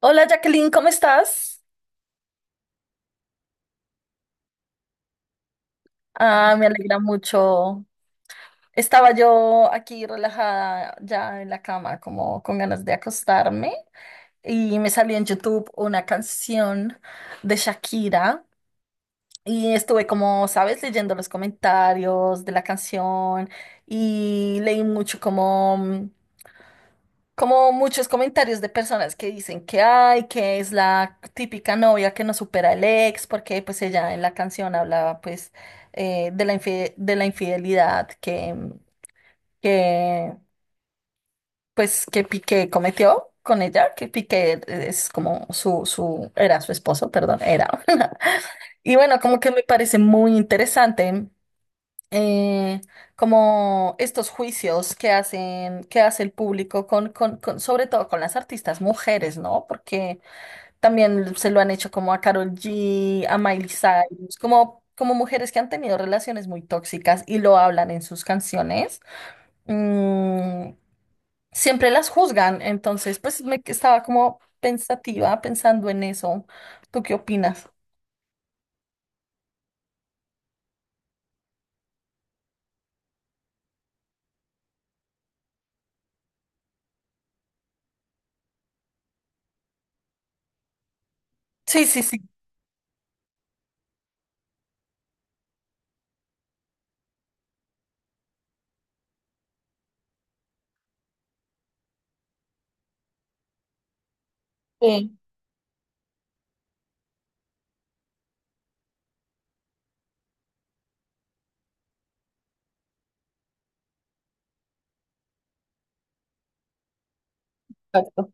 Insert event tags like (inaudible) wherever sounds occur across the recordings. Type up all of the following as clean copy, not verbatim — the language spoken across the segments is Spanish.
Hola Jacqueline, ¿cómo estás? Ah, me alegra mucho. Estaba yo aquí relajada ya en la cama, como con ganas de acostarme, y me salió en YouTube una canción de Shakira y estuve como, sabes, leyendo los comentarios de la canción y leí mucho como muchos comentarios de personas que dicen que ay, que es la típica novia que no supera el ex, porque pues ella en la canción hablaba pues de la infidelidad que pues que Piqué cometió con ella, que Piqué es como su, era su esposo, perdón, era. (laughs) Y bueno, como que me parece muy interesante eh, como estos juicios que hacen, que hace el público sobre todo con las artistas mujeres, ¿no? Porque también se lo han hecho como a Karol G, a Miley Cyrus, como, como mujeres que han tenido relaciones muy tóxicas y lo hablan en sus canciones. Mm, Siempre las juzgan, entonces pues me estaba como pensativa, pensando en eso. ¿Tú qué opinas? Sí, sí, sí. Sí, exacto.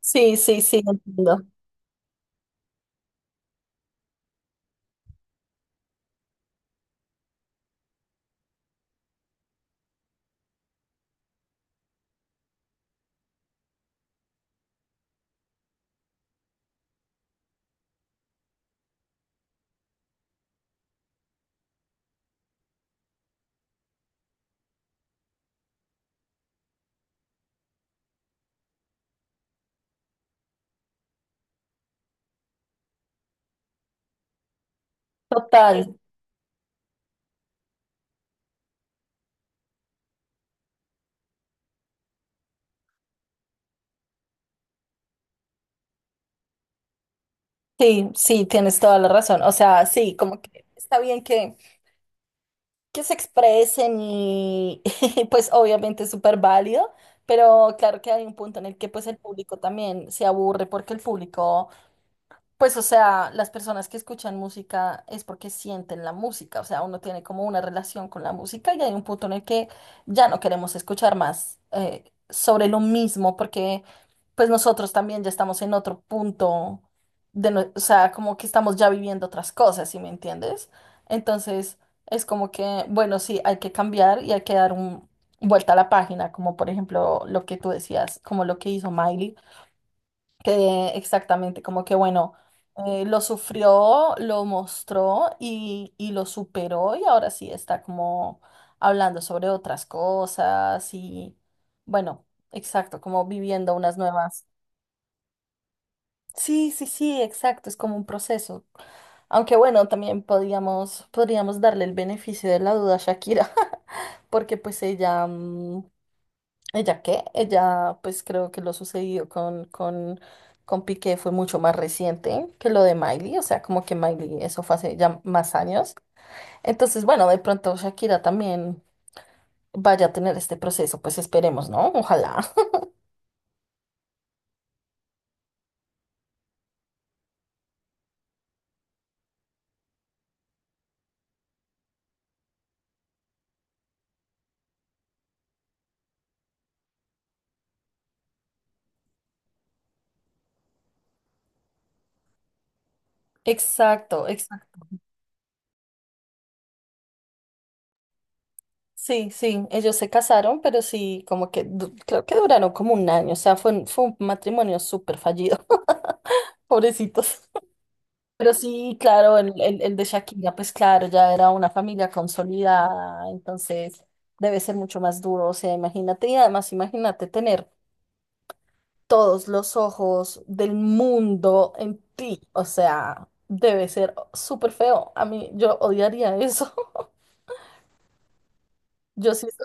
Sí, sí, sí, entiendo. Total. Sí, sí, tienes toda la razón. O sea, sí, como que está bien que se expresen y, (laughs) y, pues obviamente es súper válido, pero claro que hay un punto en el que pues el público también se aburre porque el público pues, o sea, las personas que escuchan música es porque sienten la música, o sea, uno tiene como una relación con la música y hay un punto en el que ya no queremos escuchar más sobre lo mismo, porque pues nosotros también ya estamos en otro punto o sea, como que estamos ya viviendo otras cosas, ¿sí me entiendes? Entonces, es como que, bueno, sí, hay que cambiar y hay que dar un vuelta a la página, como por ejemplo lo que tú decías, como lo que hizo Miley que exactamente, como que bueno, lo sufrió, lo mostró y lo superó y ahora sí está como hablando sobre otras cosas y bueno, exacto, como viviendo unas nuevas. Sí, sí, sí, exacto, es como un proceso. Aunque bueno, también podríamos darle el beneficio de la duda a Shakira, (laughs) porque pues ella, ¿ella qué? Ella, pues creo que lo sucedido con Piqué fue mucho más reciente que lo de Miley, o sea, como que Miley, eso fue hace ya más años. Entonces, bueno, de pronto Shakira también vaya a tener este proceso, pues esperemos, ¿no? Ojalá. (laughs) Exacto, exacto. Sí, sí, ellos se casaron, pero sí, como que creo que duraron como un año, o sea, fue un matrimonio súper fallido, (laughs) pobrecitos. Pero sí, claro, el de Shakira, pues claro, ya era una familia consolidada, entonces debe ser mucho más duro, o sea, imagínate, y además imagínate tener todos los ojos del mundo en ti, o sea, debe ser súper feo, a mí yo odiaría eso, (laughs) yo sí,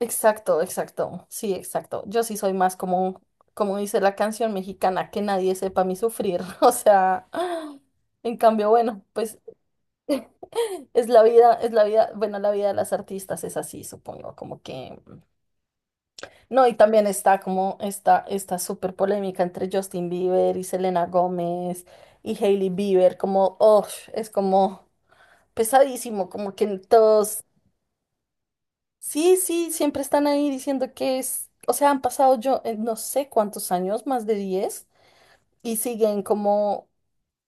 exacto, exacto, sí, exacto, yo sí soy más como, como dice la canción mexicana, que nadie sepa mi sufrir, (laughs) o sea, (gasps) en cambio, bueno, pues... es la vida, bueno, la vida de las artistas es así, supongo, como que... No, y también está como esta súper polémica entre Justin Bieber y Selena Gómez y Hailey Bieber, como, oh, es como pesadísimo, como que todos, sí, sí, siempre están ahí diciendo que es, o sea, han pasado yo no sé cuántos años, más de 10 y siguen como...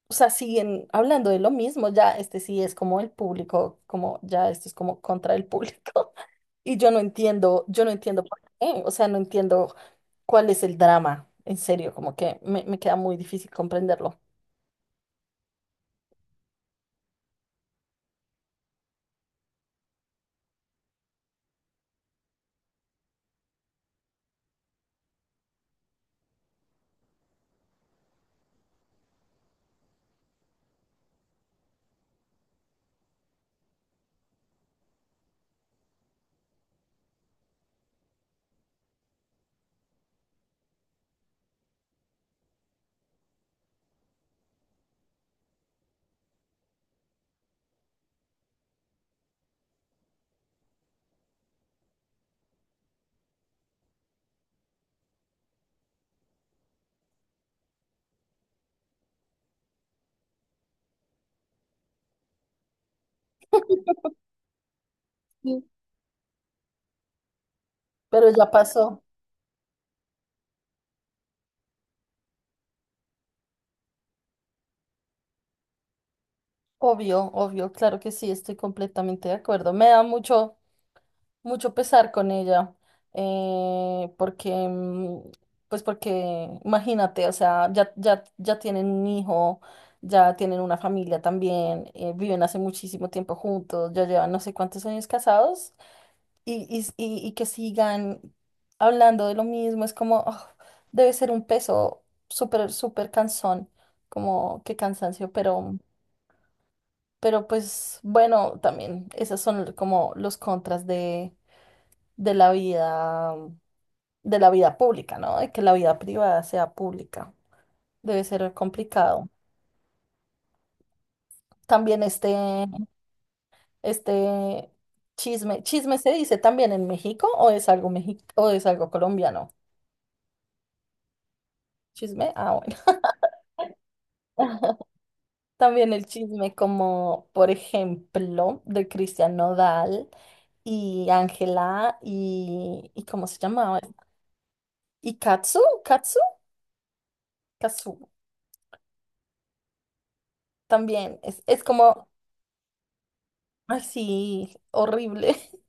O sea, siguen hablando de lo mismo, ya este sí es como el público, como ya esto es como contra el público. Yo no entiendo por qué, o sea, no entiendo cuál es el drama, en serio, como que me queda muy difícil comprenderlo. Sí. Pero ya pasó, obvio, obvio, claro que sí, estoy completamente de acuerdo. Me da mucho, mucho pesar con ella, porque, pues porque, imagínate, o sea, ya tienen un hijo, ya tienen una familia también, viven hace muchísimo tiempo juntos, ya llevan no sé cuántos años casados. Y que sigan hablando de lo mismo, es como, "Oh, debe ser un peso súper, súper cansón, como qué cansancio", pero pues bueno, también esos son como los contras de la vida, de la vida pública, ¿no? De que la vida privada sea pública, debe ser complicado. También este chisme, chisme se dice también en México, o es algo o es algo colombiano. Chisme, ah, bueno. También el chisme como, por ejemplo, de Cristian Nodal y Ángela y ¿cómo se llamaba? Y Katsu, Katsu. También es como así, horrible. (laughs)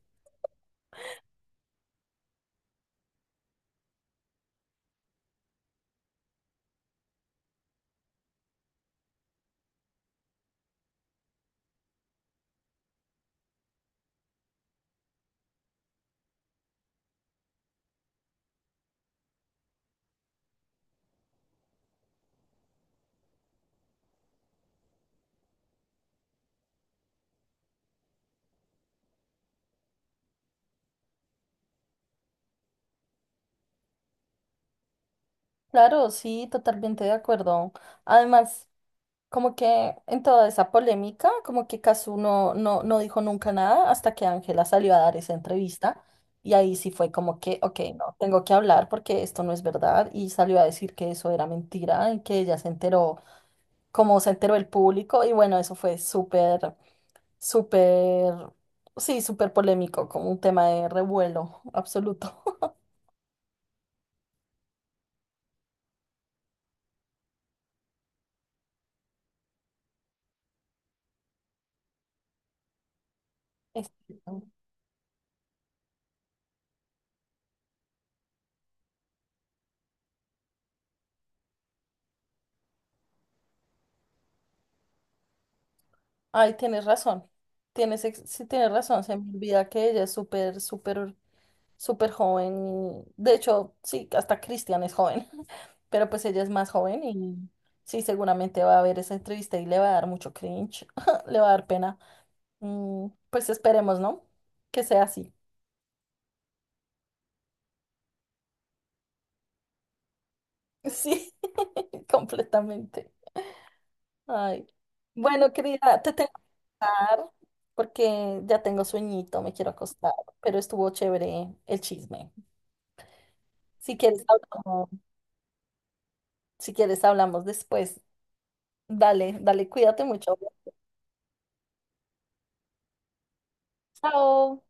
Claro, sí, totalmente de acuerdo. Además... Como que en toda esa polémica, como que Cazzu no dijo nunca nada hasta que Ángela salió a dar esa entrevista y ahí sí fue como que, ok, no, tengo que hablar porque esto no es verdad, y salió a decir que eso era mentira y que ella se enteró, como se enteró el público y bueno, eso fue súper, súper, sí, súper polémico, como un tema de revuelo absoluto. (laughs) Es- Ay, tienes razón, tienes, sí, tienes razón, se me olvida que ella es súper, súper, súper joven y de hecho, sí, hasta Cristian es joven, (laughs) pero pues ella es más joven y sí, seguramente va a ver esa entrevista y le va a dar mucho cringe, (laughs) le va a dar pena. Pues esperemos, ¿no? Que sea así. (laughs) Sí, (laughs) completamente. Ay. Bueno, querida, te tengo que dejar porque ya tengo sueñito, me quiero acostar, pero estuvo chévere el chisme. Si quieres, hablamos, si quieres, hablamos después. Dale, dale, cuídate mucho. Chao.